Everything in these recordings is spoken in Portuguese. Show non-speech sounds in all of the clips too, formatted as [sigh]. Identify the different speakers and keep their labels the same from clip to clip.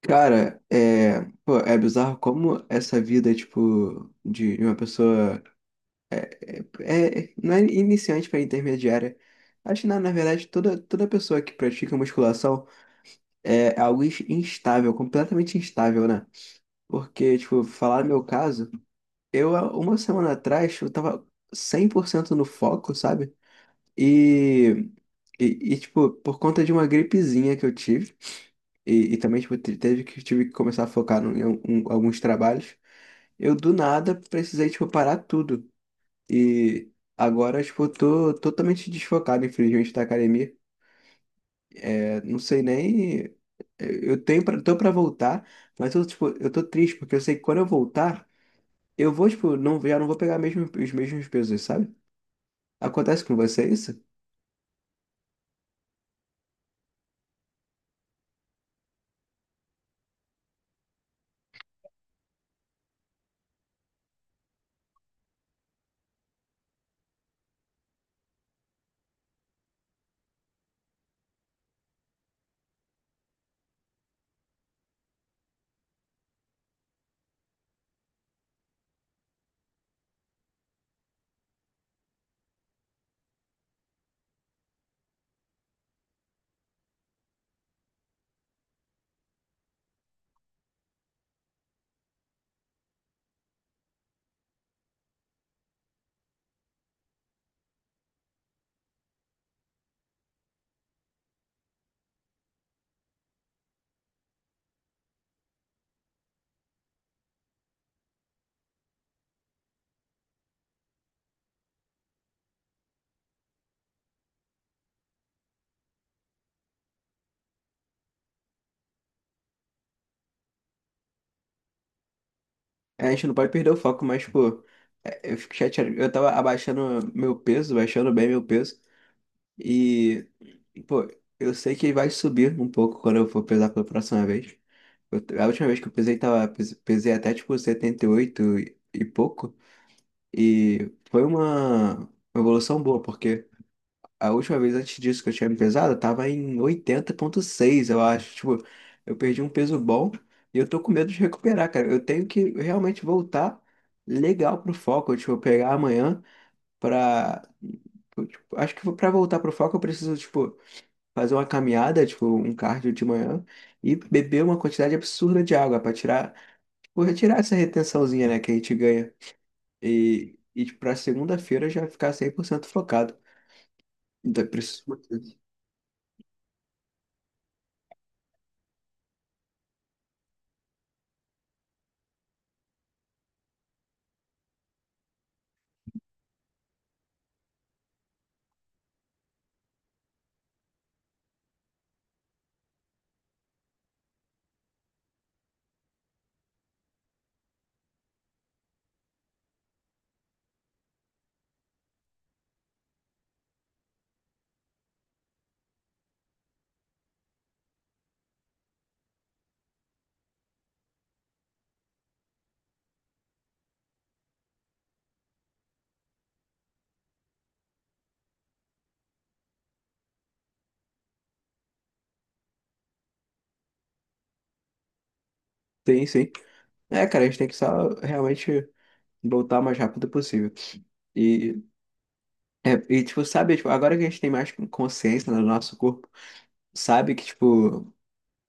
Speaker 1: Cara, pô, é bizarro como essa vida, tipo, de uma pessoa não é iniciante para intermediária. Acho que, na verdade, toda pessoa que pratica musculação é algo instável, completamente instável, né? Porque, tipo, falar no meu caso, há uma semana atrás, eu tava 100% no foco, sabe? E, e, e, tipo, por conta de uma gripezinha que eu tive, e também, tipo, tive que começar a focar em alguns trabalhos, eu do nada precisei, tipo, parar tudo. E agora, tipo, eu tô totalmente desfocado, infelizmente, da academia. É, não sei nem. Tô pra voltar, mas tipo, eu tô triste, porque eu sei que quando eu voltar, eu vou, tipo, não, já não vou pegar mesmo, os mesmos pesos, sabe? Acontece com você isso? É, a gente não pode perder o foco, mas, pô, eu fico chateado. Eu tava abaixando meu peso, baixando bem meu peso. E, pô, eu sei que vai subir um pouco quando eu for pesar pela próxima vez. A última vez que eu pesei, tava, pesei até tipo 78 e, oito e pouco. E foi uma evolução boa, porque. A última vez antes disso que eu tinha me pesado, eu tava em oitenta vírgula seis, eu acho. Tipo, eu perdi um peso bom e eu tô com medo de recuperar, cara. Eu tenho que realmente voltar legal pro foco. Tipo, pegar amanhã pra. Eu, tipo, acho que pra voltar pro foco eu preciso, tipo, fazer uma caminhada, tipo, um cardio de manhã e beber uma quantidade absurda de água pra tirar. Tipo, retirar essa retençãozinha, né, que a gente ganha. E tipo, pra segunda-feira já ficar 100% focado. Então, eu preciso. Sim, sim. É, cara, a gente tem que só realmente voltar o mais rápido possível. E, e, tipo, sabe, tipo, agora que a gente tem mais consciência né, do nosso corpo, sabe que, tipo,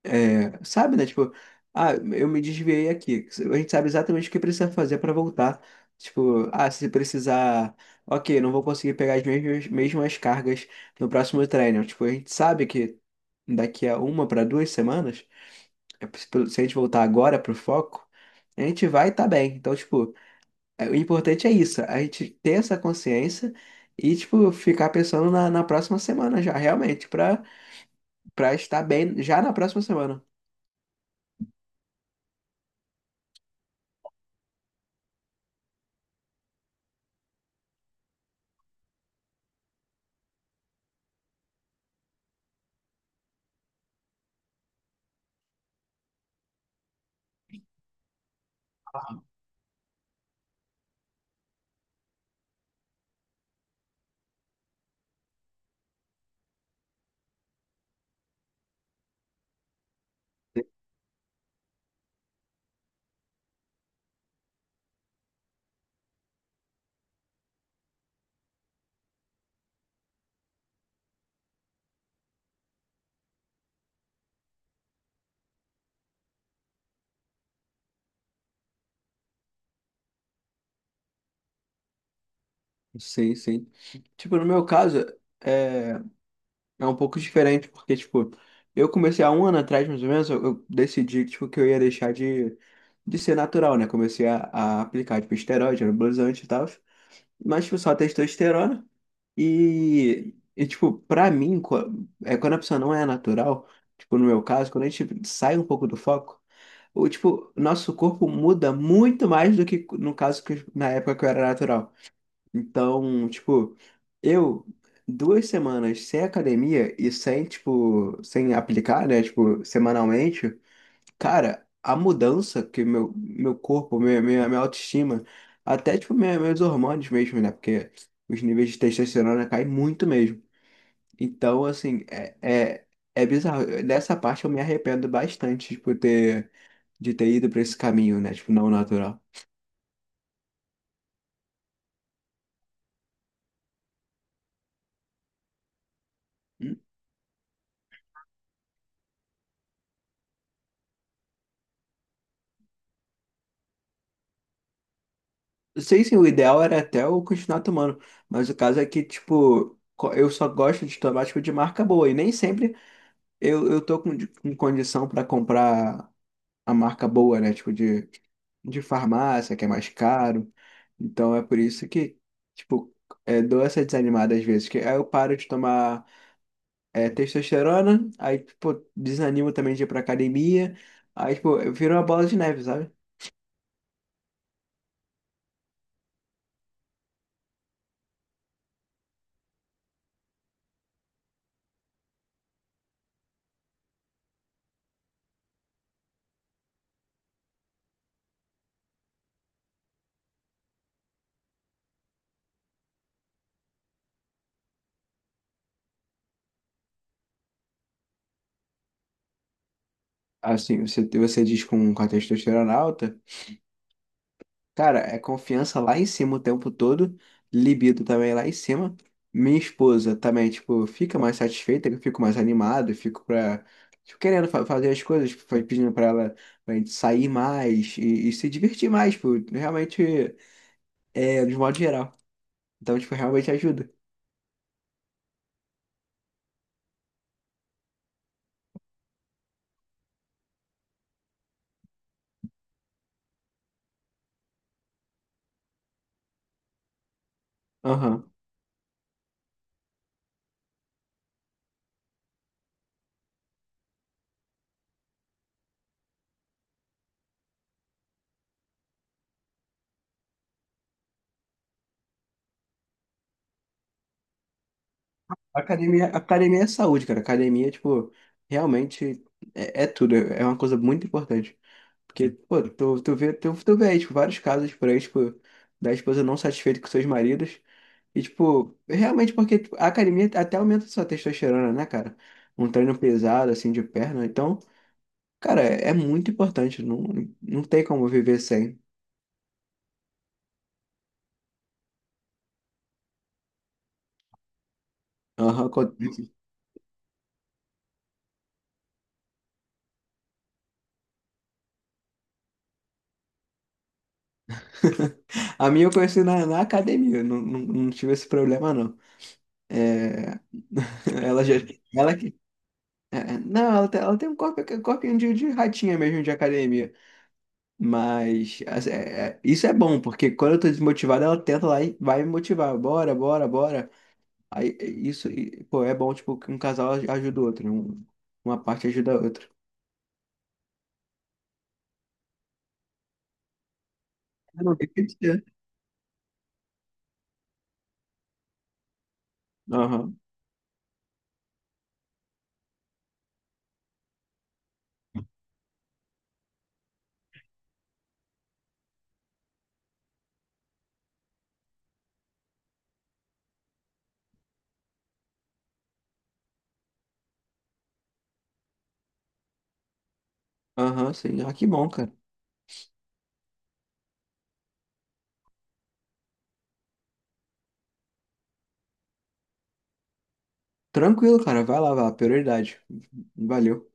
Speaker 1: sabe, né? Tipo, ah, eu me desviei aqui. A gente sabe exatamente o que precisa fazer para voltar. Tipo, ah, se precisar, ok, não vou conseguir pegar as mesmas cargas no próximo treino. Tipo, a gente sabe que daqui a uma para duas semanas. Se a gente voltar agora pro foco, a gente vai estar bem. Então, tipo, o importante é isso, a gente ter essa consciência e, tipo, ficar pensando na próxima semana já, realmente, pra estar bem já na próxima semana. Sim, sim. Tipo, no meu caso, é, é um pouco diferente, porque, tipo, eu comecei há um ano atrás, mais ou menos, eu decidi, tipo, que eu ia deixar de ser natural, né? Comecei a aplicar, tipo, esteroide, anabolizante e tal. Mas tipo, só testosterona. E tipo, pra mim, quando a pessoa não é natural, tipo, no meu caso, quando a gente sai um pouco do foco, o tipo, nosso corpo muda muito mais do que no caso que na época que eu era natural. Então, tipo, eu duas semanas sem academia e sem, tipo, sem aplicar, né, tipo, semanalmente. Cara, a mudança que meu corpo, minha autoestima, até tipo minha, meus hormônios mesmo, né? Porque os níveis de testosterona caem muito mesmo. Então, assim, é, é bizarro. Nessa parte eu me arrependo bastante, tipo, de ter ido pra esse caminho, né? Tipo, não natural. Hum, Sei sim, o ideal era até eu continuar tomando, mas o caso é que, tipo, eu só gosto de tomar, tipo, de marca boa, e nem sempre eu tô com condição pra comprar a marca boa, né? Tipo, de farmácia, que é mais caro. Então é por isso que, tipo, dou essa desanimada às vezes. Que aí eu paro de tomar testosterona, aí, pô, desanimo também de ir pra academia. Aí, tipo, vira uma bola de neve, sabe? Assim, você diz com a testosterona alta. Cara, é confiança lá em cima o tempo todo, libido também lá em cima. Minha esposa também, tipo, fica mais satisfeita, eu fico mais animado, fico pra, tipo, querendo fazer as coisas, tipo, foi pedindo pra ela pra gente sair mais e se divertir mais, tipo, realmente, de modo geral. Então, tipo, realmente ajuda. Aham. Academia, academia é saúde, cara. Academia, tipo, realmente é tudo, é uma coisa muito importante. Porque, pô, tu vê, tu vê aí, tipo, vários casos por aí, tipo, da esposa não satisfeita com seus maridos. E, tipo, realmente porque tipo, a academia até aumenta sua testosterona, né, cara? Um treino pesado, assim, de perna. Então, cara, é muito importante. Não, não tem como viver sem. Aham. [laughs] A minha eu conheci na academia. Não, não, não tive esse problema, não. É... [laughs] Ela já... Ela que... Não, ela tem um corpo, corpinho de ratinha mesmo de academia. Mas assim, isso é bom, porque quando eu tô desmotivado, ela tenta lá e vai me motivar. Bora, bora, bora. Aí é isso, e, pô, é bom, tipo, que um casal ajuda o outro, né? Uma parte ajuda a outra. Eu não- E tem que ser. Aham, aham, sim. Ah, que bom, cara. Tranquilo, cara. Vai lá, vai lá. Prioridade. Valeu.